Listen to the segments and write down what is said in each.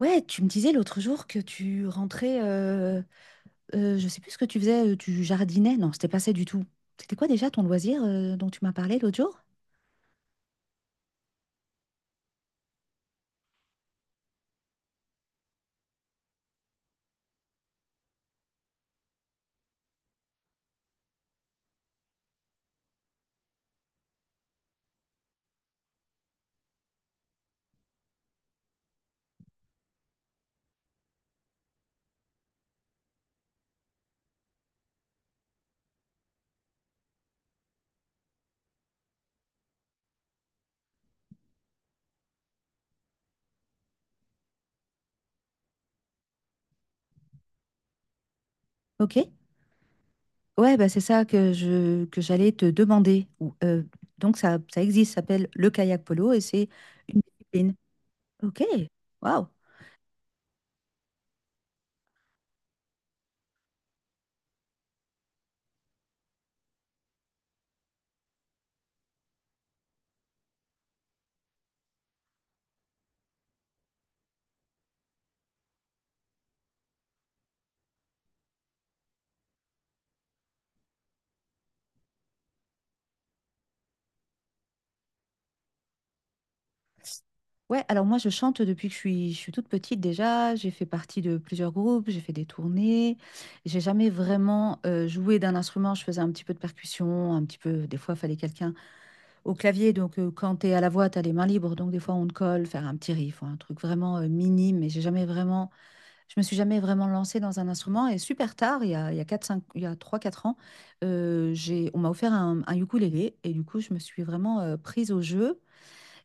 Ouais, tu me disais l'autre jour que tu rentrais, je sais plus ce que tu faisais, tu jardinais. Non, c'était pas ça du tout. C'était quoi déjà ton loisir dont tu m'as parlé l'autre jour? Ok. Ouais, bah c'est ça que je que j'allais te demander. Donc ça ça existe, ça s'appelle le kayak polo et c'est une discipline. Ok. Waouh. Ouais, alors moi je chante depuis que je suis toute petite déjà. J'ai fait partie de plusieurs groupes, j'ai fait des tournées, j'ai jamais vraiment joué d'un instrument, je faisais un petit peu de percussion, un petit peu, des fois il fallait quelqu'un au clavier, donc quand t'es à la voix t'as les mains libres, donc des fois on te colle, faire un petit riff, ou un truc vraiment minime, mais j'ai jamais vraiment, je me suis jamais vraiment lancée dans un instrument, et super tard, il y a trois quatre ans, on m'a offert un ukulélé, et du coup je me suis vraiment prise au jeu.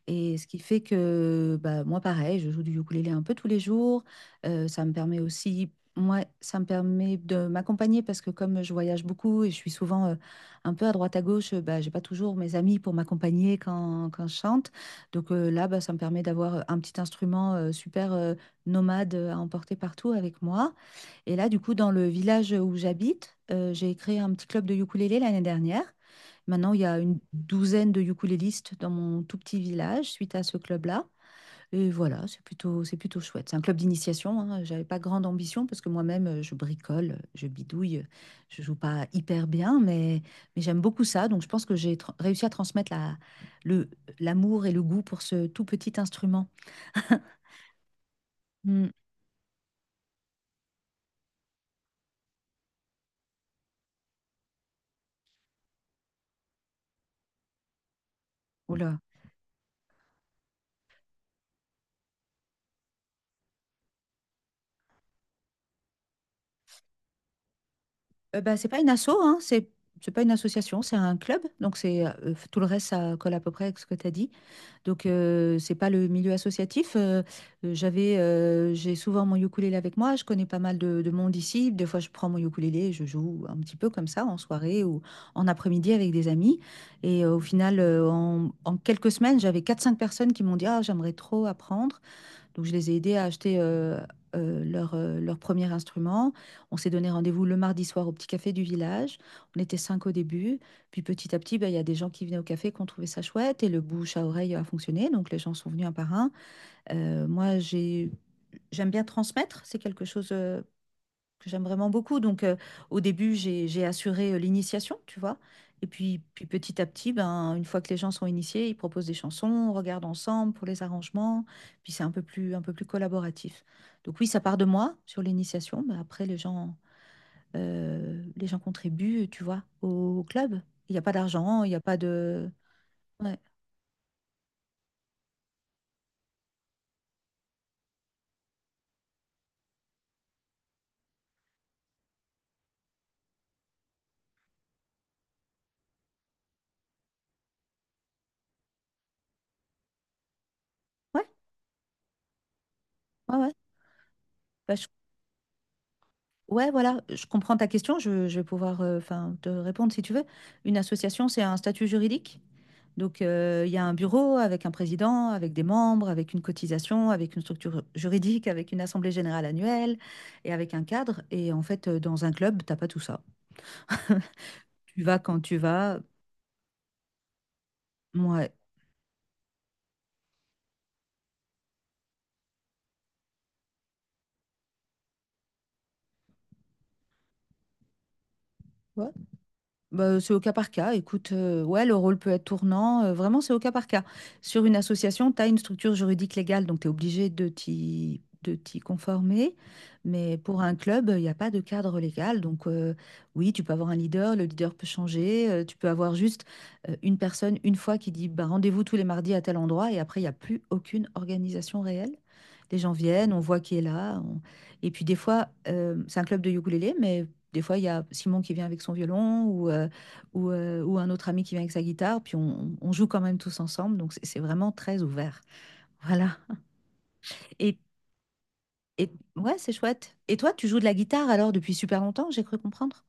Et ce qui fait que bah, moi, pareil, je joue du ukulélé un peu tous les jours. Ça me permet aussi, moi, ça me permet de m'accompagner parce que comme je voyage beaucoup et je suis souvent un peu à droite à gauche, bah, j'ai pas toujours mes amis pour m'accompagner quand je chante. Donc là, bah, ça me permet d'avoir un petit instrument super nomade à emporter partout avec moi. Et là, du coup, dans le village où j'habite, j'ai créé un petit club de ukulélé l'année dernière. Maintenant, il y a une douzaine de ukulélistes dans mon tout petit village suite à ce club-là. Et voilà, c'est plutôt chouette. C'est un club d'initiation, hein. J'avais pas grande ambition parce que moi-même, je bricole, je bidouille, je joue pas hyper bien, mais j'aime beaucoup ça. Donc, je pense que j'ai réussi à transmettre le, l'amour et le goût pour ce tout petit instrument. Hmm. Oula. Bah, c'est pas une asso, hein. C'est pas une association, c'est un club. Donc, tout le reste, ça colle à peu près avec ce que tu as dit. Donc, c'est pas le milieu associatif. J'ai souvent mon ukulélé avec moi. Je connais pas mal de monde ici. Des fois, je prends mon ukulélé et je joue un petit peu comme ça en soirée ou en après-midi avec des amis. Et au final, en quelques semaines, j'avais quatre cinq personnes qui m'ont dit, ah, j'aimerais trop apprendre. Donc, je les ai aidés à acheter leur premier instrument. On s'est donné rendez-vous le mardi soir au petit café du village. On était cinq au début. Puis petit à petit, ben, il y a des gens qui venaient au café qui ont trouvé ça chouette et le bouche à oreille a fonctionné. Donc, les gens sont venus un par un. Euh, moi, j'ai... J'aime bien transmettre, c'est quelque chose que j'aime vraiment beaucoup. Donc, au début, j'ai assuré l'initiation, tu vois. Et puis petit à petit, ben, une fois que les gens sont initiés, ils proposent des chansons, on regarde ensemble pour les arrangements. Puis c'est un peu plus collaboratif. Donc oui, ça part de moi sur l'initiation, mais après, les gens contribuent, tu vois, au club. Il n'y a pas d'argent, il n'y a pas de. Ouais, ouais, ouais, ouais. Bah, je ouais, voilà, je comprends ta question. Je vais pouvoir enfin, te répondre si tu veux. Une association, c'est un statut juridique. Donc, il y a un bureau avec un président, avec des membres, avec une cotisation, avec une structure juridique, avec une assemblée générale annuelle et avec un cadre. Et en fait, dans un club, t'as pas tout ça. Tu vas quand tu vas. Ouais. Bah, c'est au cas par cas. Écoute, ouais, le rôle peut être tournant. Vraiment, c'est au cas par cas. Sur une association, tu as une structure juridique légale, donc tu es obligé de t'y conformer. Mais pour un club, il n'y a pas de cadre légal. Donc, oui, tu peux avoir un leader, le leader peut changer. Tu peux avoir juste une personne, une fois, qui dit bah, rendez-vous tous les mardis à tel endroit. Et après, il n'y a plus aucune organisation réelle. Les gens viennent, on voit qui est là. Et puis, des fois, c'est un club de ukulélé, mais des fois, il y a Simon qui vient avec son violon ou un autre ami qui vient avec sa guitare, puis on joue quand même tous ensemble. Donc, c'est vraiment très ouvert. Voilà. Et, et ouais, c'est chouette. Et toi, tu joues de la guitare alors depuis super longtemps, j'ai cru comprendre.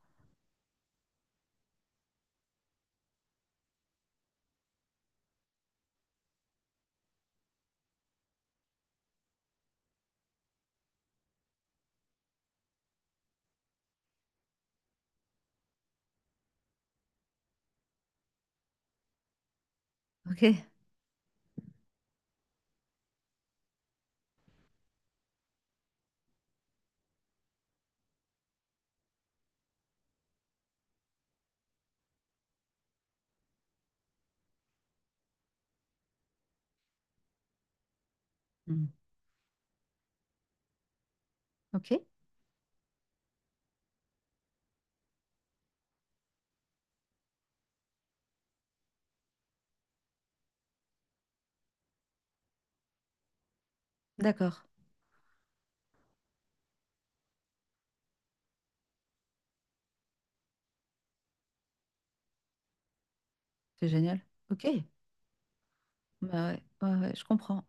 Ok. Mm. Ok. D'accord. C'est génial. Ok. Bah ouais, ouais, ouais, je comprends.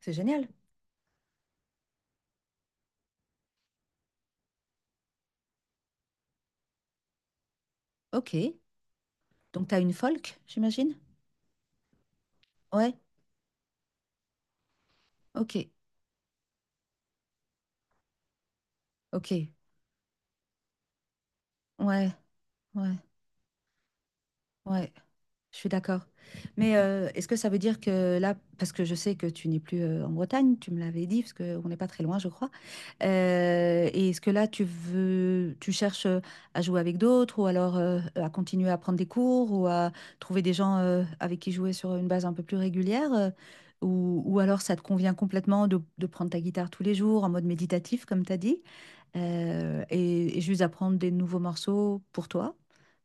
C'est génial. Ok. Donc, tu as une folk, j'imagine? Ouais. Ok. Ok. Ouais. Ouais. Ouais. Je suis d'accord. Mais est-ce que ça veut dire que là, parce que je sais que tu n'es plus en Bretagne, tu me l'avais dit, parce qu'on n'est pas très loin, je crois. Et est-ce que là, tu cherches à jouer avec d'autres ou alors à continuer à prendre des cours ou à trouver des gens avec qui jouer sur une base un peu plus régulière, ou alors ça te convient complètement de prendre ta guitare tous les jours en mode méditatif, comme tu as dit, et juste apprendre des nouveaux morceaux pour toi?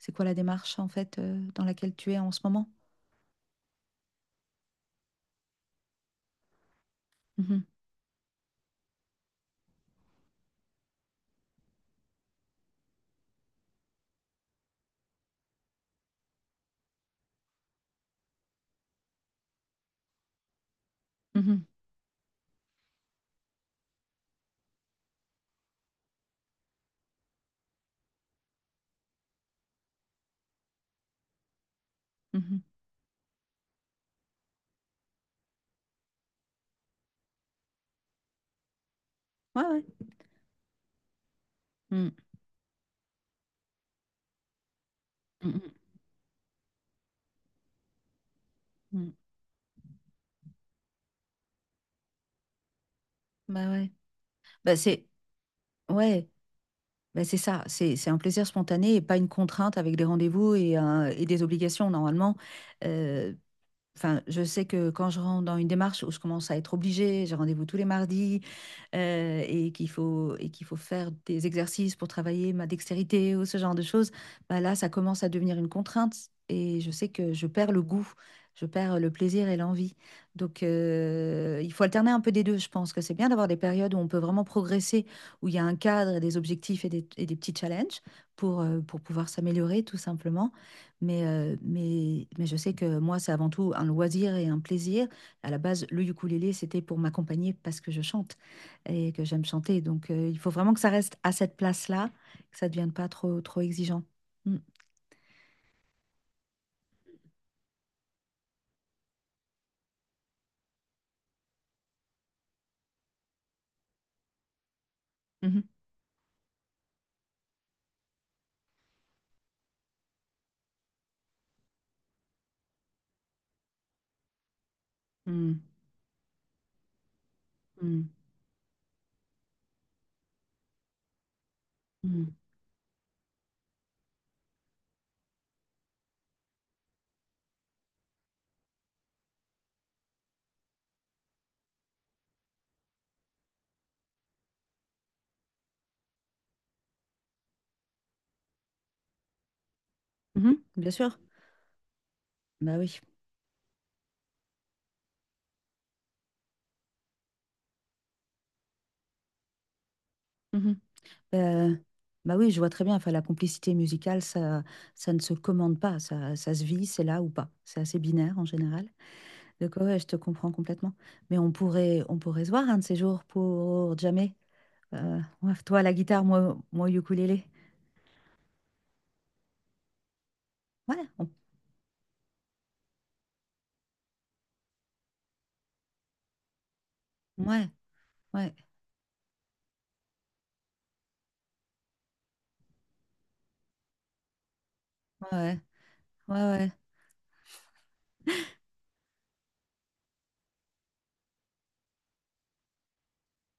C'est quoi la démarche en fait dans laquelle tu es en ce moment? Mhm, mhm, mhm. Ouais, ouais. Mm, mm, mm, mm. Bah ouais. Bah c'est ouais, bah c'est ça, c'est un plaisir spontané et pas une contrainte avec des rendez-vous et, et des obligations normalement. Euh, Enfin, je sais que quand je rentre dans une démarche où je commence à être obligée, j'ai rendez-vous tous les mardis, et qu'il faut faire des exercices pour travailler ma dextérité ou ce genre de choses, bah, là, ça commence à devenir une contrainte et je sais que je perds le goût, je perds le plaisir et l'envie. Donc il faut alterner un peu des 2. Je pense que c'est bien d'avoir des périodes où on peut vraiment progresser, où il y a un cadre et des objectifs et des petits challenges pour pouvoir s'améliorer tout simplement, mais je sais que moi, c'est avant tout un loisir et un plaisir. À la base, le ukulélé, c'était pour m'accompagner parce que je chante et que j'aime chanter. Donc, il faut vraiment que ça reste à cette place-là, que ça ne devienne pas trop, trop exigeant. Mm. Mhm. Mm. Mm. Mm. Mhm. Bien sûr. Bah oui. Mhm. Euh, Bah oui, je vois très bien. Enfin, la complicité musicale, ça ne se commande pas. Ça se vit, c'est là ou pas. C'est assez binaire en général. Donc, ouais, je te comprends complètement. Mais on pourrait se voir un de ces jours pour jamais. Ouais, toi, la guitare, moi, moi, au ukulélé. Ouais, ouais, ouais, ouais, ouais, ouais.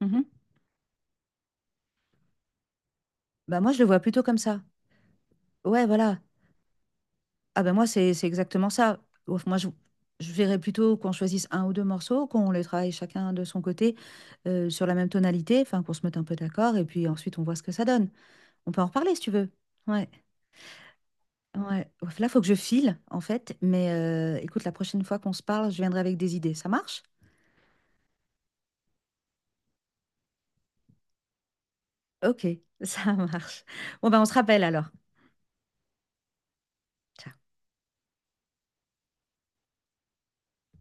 Mhm. Bah, moi, je le vois plutôt comme ça. Ouais, voilà. Ah, ben moi, c'est exactement ça. Ouf, moi, je verrais plutôt qu'on choisisse un ou deux morceaux, qu'on les travaille chacun de son côté, sur la même tonalité, enfin, qu'on se mette un peu d'accord, et puis ensuite, on voit ce que ça donne. On peut en reparler si tu veux. Ouais. Ouais. Ouf, là, faut que je file, en fait. Mais écoute, la prochaine fois qu'on se parle, je viendrai avec des idées. Ça marche? Ok, ça marche. Bon, ben, on se rappelle alors. Ciao.